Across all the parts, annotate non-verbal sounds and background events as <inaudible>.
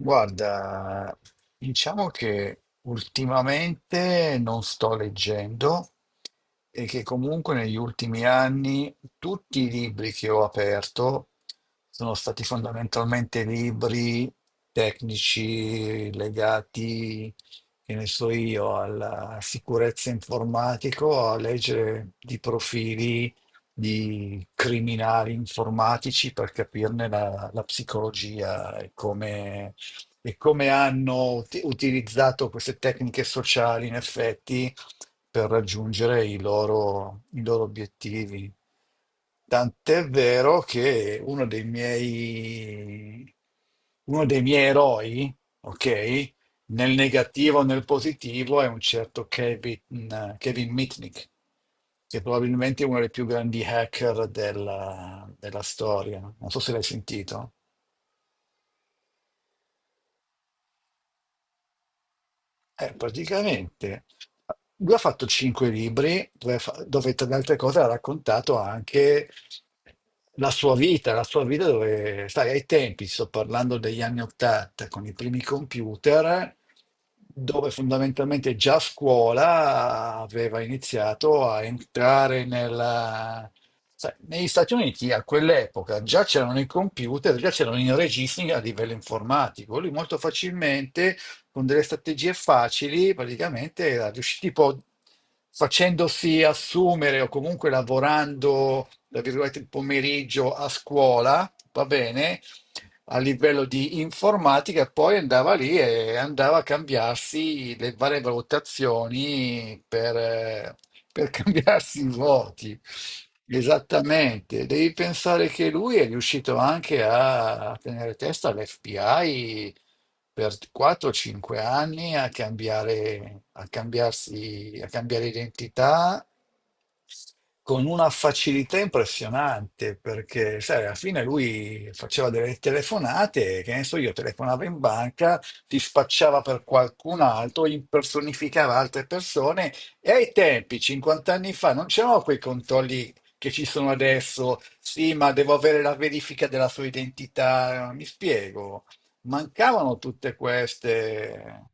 Guarda, diciamo che ultimamente non sto leggendo e che comunque negli ultimi anni tutti i libri che ho aperto sono stati fondamentalmente libri tecnici legati, che ne so io, alla sicurezza informatica, o a leggere di profili di criminali informatici per capirne la psicologia e come hanno utilizzato queste tecniche sociali, in effetti, per raggiungere i loro obiettivi. Tant'è vero che uno dei miei eroi, ok, nel negativo o nel positivo, è un certo Kevin, Kevin Mitnick, che probabilmente è uno dei più grandi hacker della storia. Non so se l'hai sentito. Praticamente lui ha fatto cinque libri dove, dove, tra le altre cose ha raccontato anche la sua vita dove, sai, ai tempi, sto parlando degli anni Ottanta, con i primi computer, dove fondamentalmente già a scuola aveva iniziato a entrare nella— sai, negli Stati Uniti a quell'epoca già c'erano i computer, già c'erano i registri a livello informatico. Lui molto facilmente, con delle strategie facili, praticamente era riuscito, tipo facendosi assumere o comunque lavorando, tra virgolette, il pomeriggio a scuola, va bene, a livello di informatica, e poi andava lì e andava a cambiarsi le varie valutazioni per <laughs> cambiarsi i voti. Esattamente, devi pensare che lui è riuscito anche a tenere testa all'FBI per 4-5 anni a cambiare, a cambiarsi, a cambiare identità con una facilità impressionante, perché sai, alla fine lui faceva delle telefonate, che ne so, io telefonavo in banca, ti spacciava per qualcun altro, impersonificava altre persone e ai tempi, 50 anni fa, non c'erano quei controlli che ci sono adesso, sì, ma devo avere la verifica della sua identità, mi spiego, mancavano tutte queste.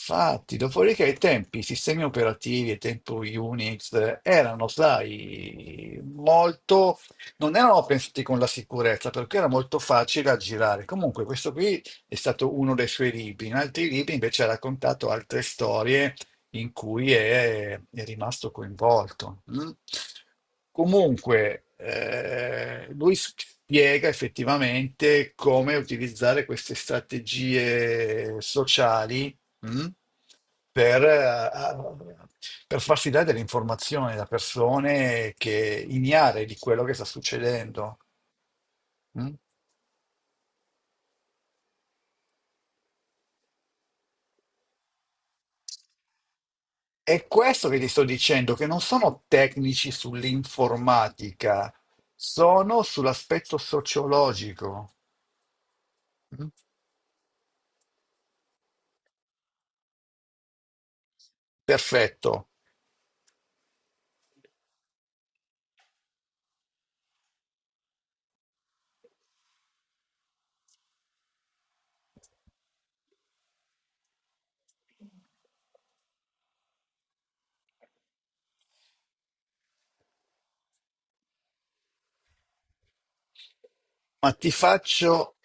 Infatti, dopodiché i tempi, i sistemi operativi e tempo Unix erano, sai, molto, non erano pensati con la sicurezza perché era molto facile aggirare. Comunque, questo qui è stato uno dei suoi libri. In altri libri invece ha raccontato altre storie in cui è rimasto coinvolto. Mm. Comunque, lui spiega effettivamente come utilizzare queste strategie sociali. Mm? per, eh, per farsi dare delle informazioni da persone che ignare di quello che sta succedendo. Mm? È questo che ti sto dicendo, che non sono tecnici sull'informatica, sono sull'aspetto sociologico. Mm? Perfetto. Ma ti faccio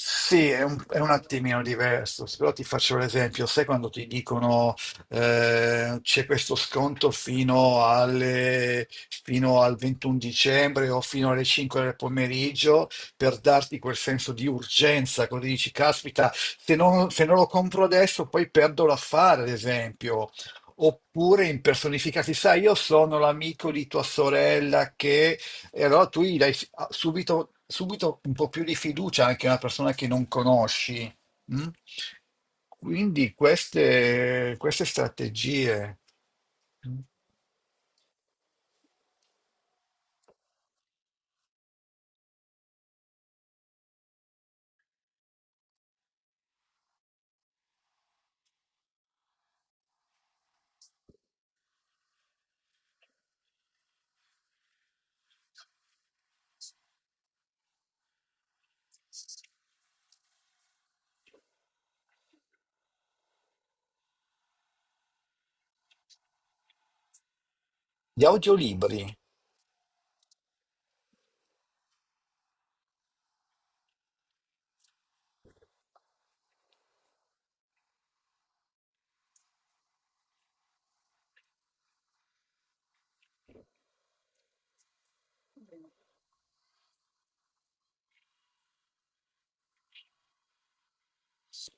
Sì, è un attimino diverso, però ti faccio l'esempio, sai, quando ti dicono, c'è questo sconto fino al 21 dicembre o fino alle 5 del pomeriggio, per darti quel senso di urgenza, così dici, caspita, se non, se non lo compro adesso poi perdo l'affare, ad esempio. Oppure impersonificati, sai, io sono l'amico di tua sorella che e allora tu gli dai subito, subito un po' più di fiducia anche a una persona che non conosci. Mm? Quindi queste strategie. Mm. Gli audiolibri,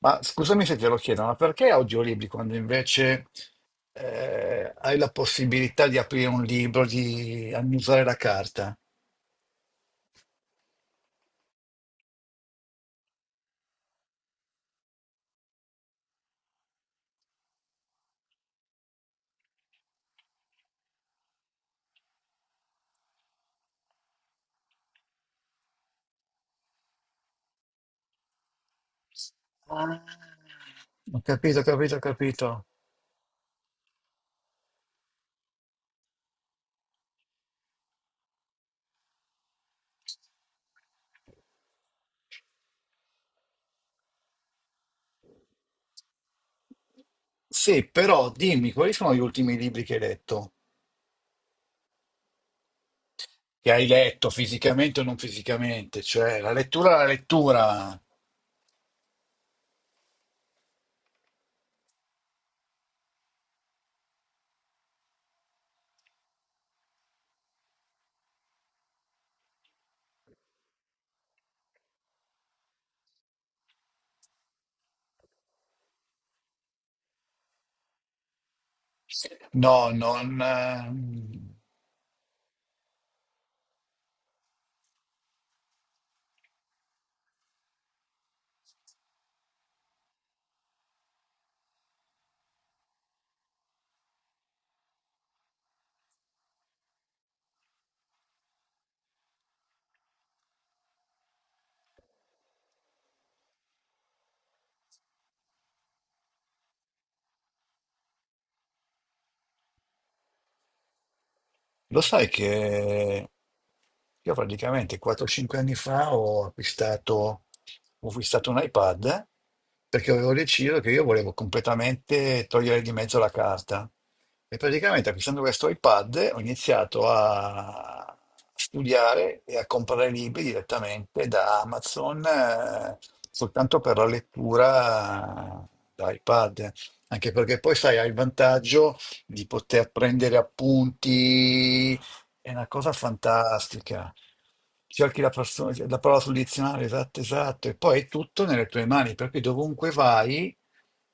ma scusami se te lo chiedo, ma perché audiolibri quando invece hai la possibilità di aprire un libro, di annusare la carta? Ah. Ho capito, ho capito, ho capito. Sì, però dimmi, quali sono gli ultimi libri che hai letto? Che hai letto fisicamente o non fisicamente, cioè la lettura è la lettura. No, non. Lo sai che io praticamente 4-5 anni fa ho acquistato un iPad perché avevo deciso che io volevo completamente togliere di mezzo la carta. E praticamente acquistando questo iPad ho iniziato a studiare e a comprare libri direttamente da Amazon, soltanto per la lettura da iPad. Anche perché poi, sai, hai il vantaggio di poter prendere appunti, è una cosa fantastica. Cerchi la parola sul dizionario, esatto, esatto, e poi è tutto nelle tue mani, per cui dovunque vai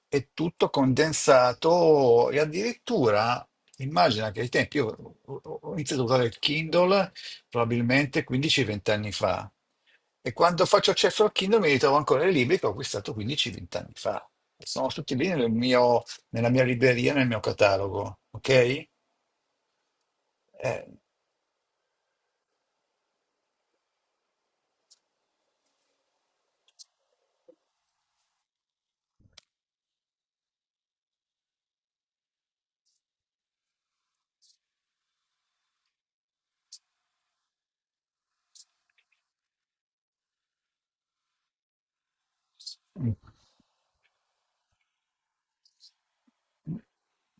è tutto condensato e addirittura immagina che ai tempi io ho iniziato a usare il Kindle probabilmente 15-20 anni fa. E quando faccio accesso al Kindle mi ritrovo ancora i libri che ho acquistato 15-20 anni fa. Sono tutti lì nel mio, nella mia libreria, nel mio catalogo, ok? Eh,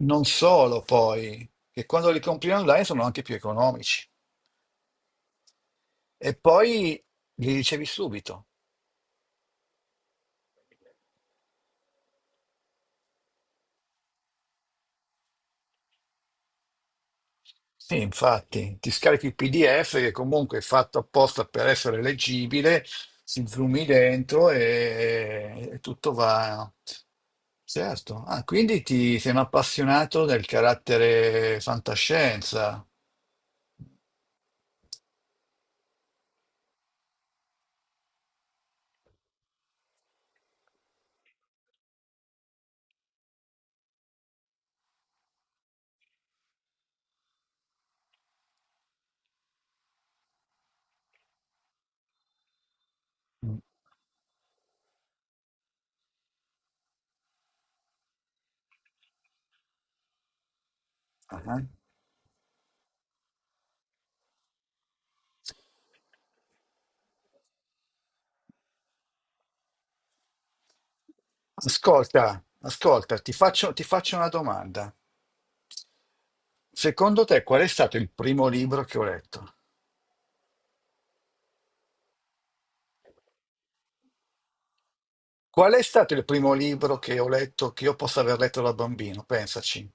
Non solo poi, che quando li compri online sono anche più economici. E poi li ricevi subito. Sì, infatti, ti scarichi il PDF che comunque è fatto apposta per essere leggibile, si zoomi dentro e tutto va. Certo. Ah, quindi ti sei un appassionato del carattere fantascienza. Mm. Ah. Ascolta, ascolta, ti faccio una domanda. Secondo te qual è stato il primo libro che ho letto? Qual è stato il primo libro che ho letto, che io possa aver letto da bambino? Pensaci.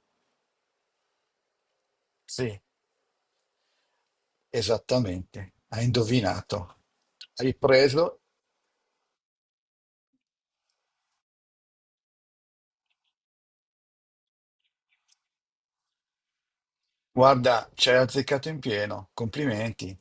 Sì, esattamente, hai indovinato. Hai preso, guarda, ci hai azzeccato in pieno, complimenti.